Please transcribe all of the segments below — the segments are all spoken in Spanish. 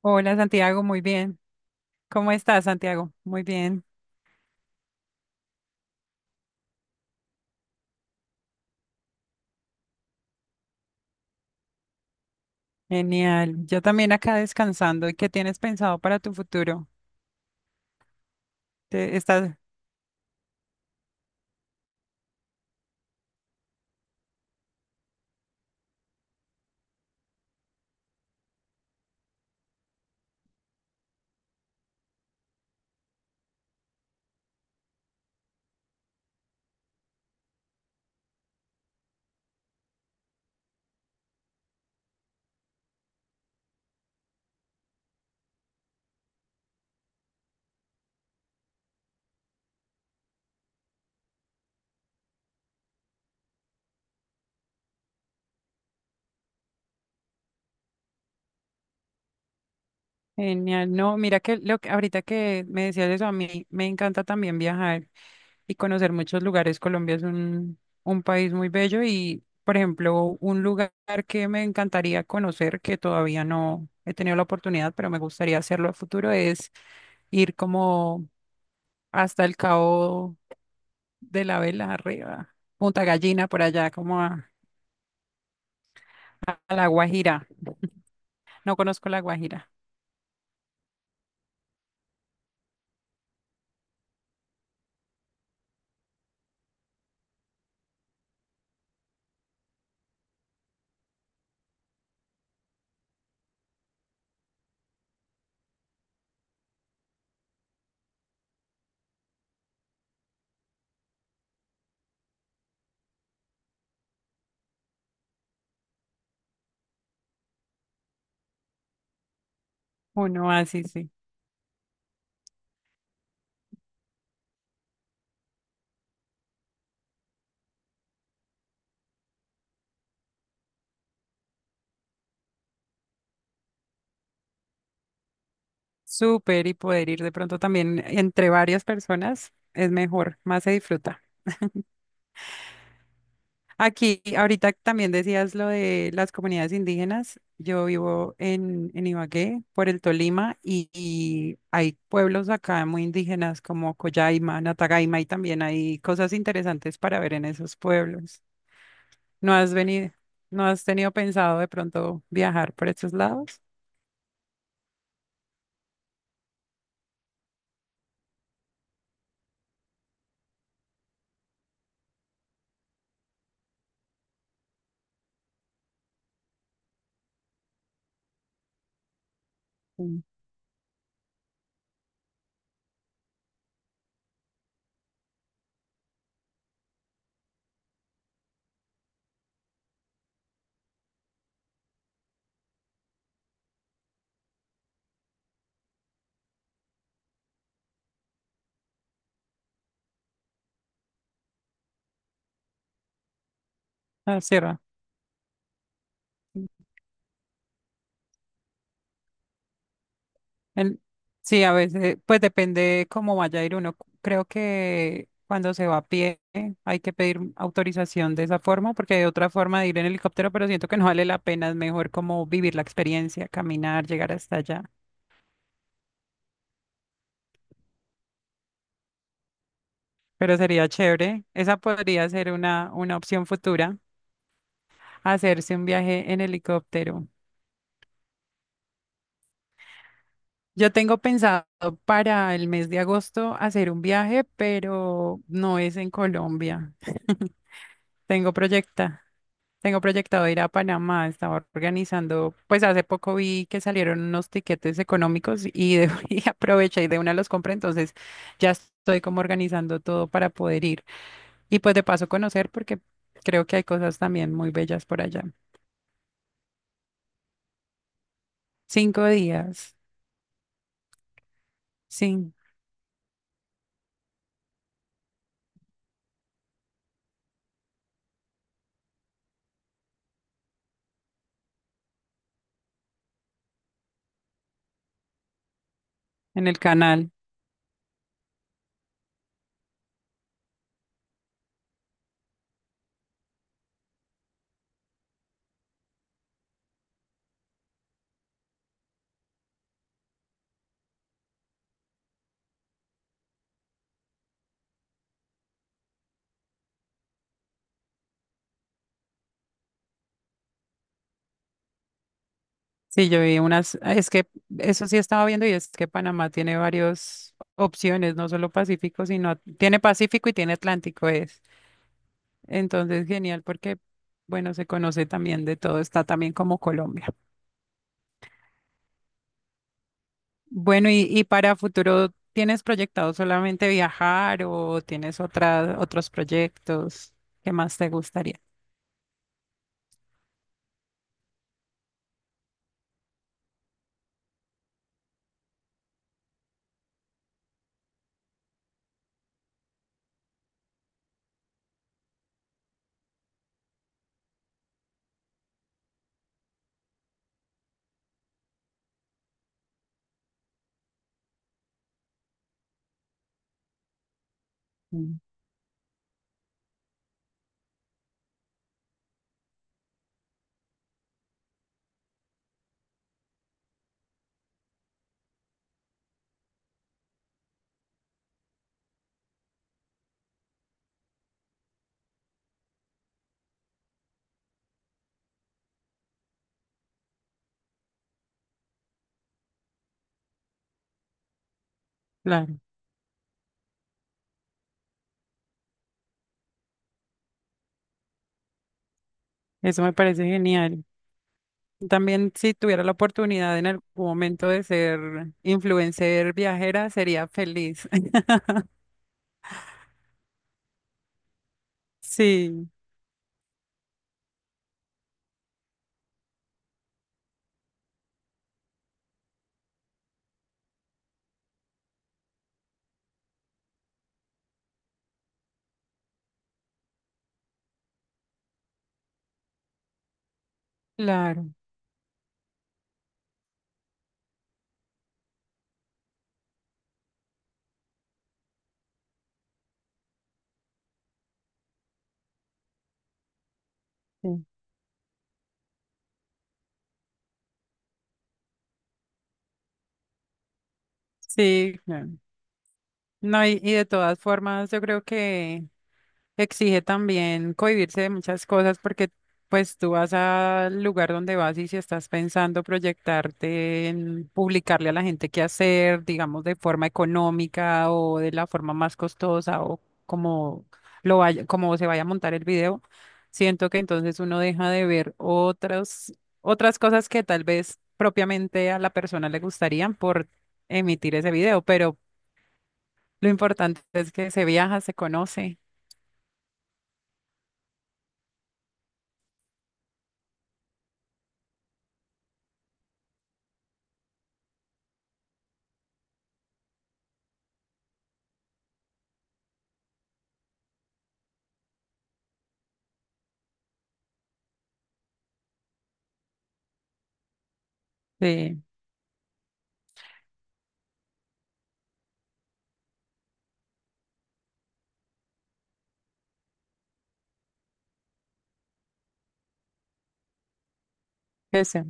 Hola Santiago, muy bien. ¿Cómo estás, Santiago? Muy bien. Genial. Yo también acá descansando. ¿Y qué tienes pensado para tu futuro? ¿Te- estás genial. No, mira que lo que ahorita que me decías eso, a mí me encanta también viajar y conocer muchos lugares. Colombia es un país muy bello y, por ejemplo, un lugar que me encantaría conocer, que todavía no he tenido la oportunidad, pero me gustaría hacerlo a futuro, es ir como hasta el Cabo de la Vela arriba. Punta Gallina por allá, como a La Guajira. No conozco La Guajira. Uno así, sí. Sí. Súper, y poder ir de pronto también entre varias personas es mejor, más se disfruta. Aquí, ahorita también decías lo de las comunidades indígenas. Yo vivo en Ibagué, por el Tolima, y hay pueblos acá muy indígenas como Collaima, Natagaima, y también hay cosas interesantes para ver en esos pueblos. ¿No has venido, no has tenido pensado de pronto viajar por estos lados? Mm. Ah, sí, va. En- sí, a veces, pues depende cómo vaya a ir uno. Creo que cuando se va a pie hay que pedir autorización de esa forma, porque hay otra forma de ir en helicóptero, pero siento que no vale la pena, es mejor como vivir la experiencia, caminar, llegar hasta allá. Pero sería chévere. Esa podría ser una opción futura, hacerse un viaje en helicóptero. Yo tengo pensado para el mes de agosto hacer un viaje, pero no es en Colombia. Tengo proyecta, tengo proyectado ir a Panamá. Estaba organizando, pues hace poco vi que salieron unos tiquetes económicos y aproveché y de una los compré, entonces ya estoy como organizando todo para poder ir. Y pues de paso conocer, porque creo que hay cosas también muy bellas por allá. Cinco días, sí, en el canal. Sí, yo vi unas, ah, es que eso sí estaba viendo, y es que Panamá tiene varias opciones, no solo Pacífico, sino tiene Pacífico y tiene Atlántico, es. Entonces, genial porque, bueno, se conoce también de todo, está también como Colombia. Bueno, y para futuro, ¿tienes proyectado solamente viajar o tienes otros proyectos que más te gustaría? Mm. Claro, eso me parece genial. También si tuviera la oportunidad en algún momento de ser influencer viajera, sería feliz. Sí, claro. Sí. Sí, claro. No, y de todas formas, yo creo que exige también cohibirse de muchas cosas, porque pues tú vas al lugar donde vas y si estás pensando proyectarte en publicarle a la gente qué hacer, digamos de forma económica o de la forma más costosa, o como como se vaya a montar el video, siento que entonces uno deja de ver otras cosas que tal vez propiamente a la persona le gustarían por emitir ese video, pero lo importante es que se viaja, se conoce, sí, eso.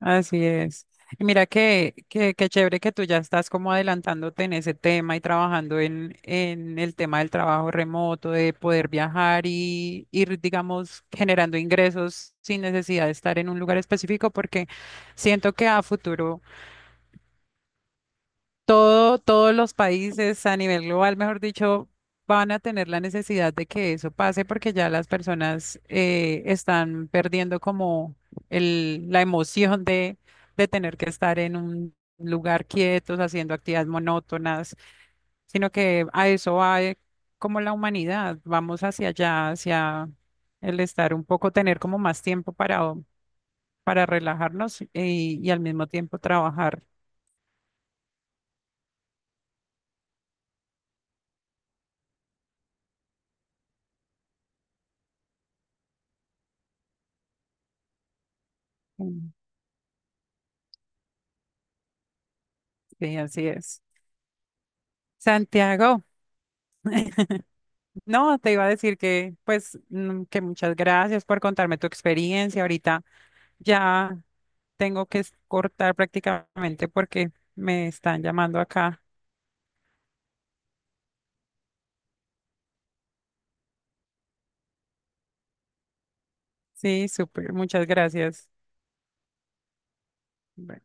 Así es. Y mira que, qué chévere que tú ya estás como adelantándote en ese tema y trabajando en el tema del trabajo remoto, de poder viajar y ir, digamos, generando ingresos sin necesidad de estar en un lugar específico, porque siento que a futuro todos los países a nivel global, mejor dicho, van a tener la necesidad de que eso pase, porque ya las personas están perdiendo como la emoción de tener que estar en un lugar quietos, haciendo actividades monótonas, sino que a eso va como la humanidad, vamos hacia allá, hacia el estar un poco, tener como más tiempo para relajarnos y al mismo tiempo trabajar. Mm. Sí, así es. Santiago. No, te iba a decir que, pues, que muchas gracias por contarme tu experiencia. Ahorita ya tengo que cortar prácticamente, porque me están llamando acá. Sí, súper, muchas gracias. Bueno.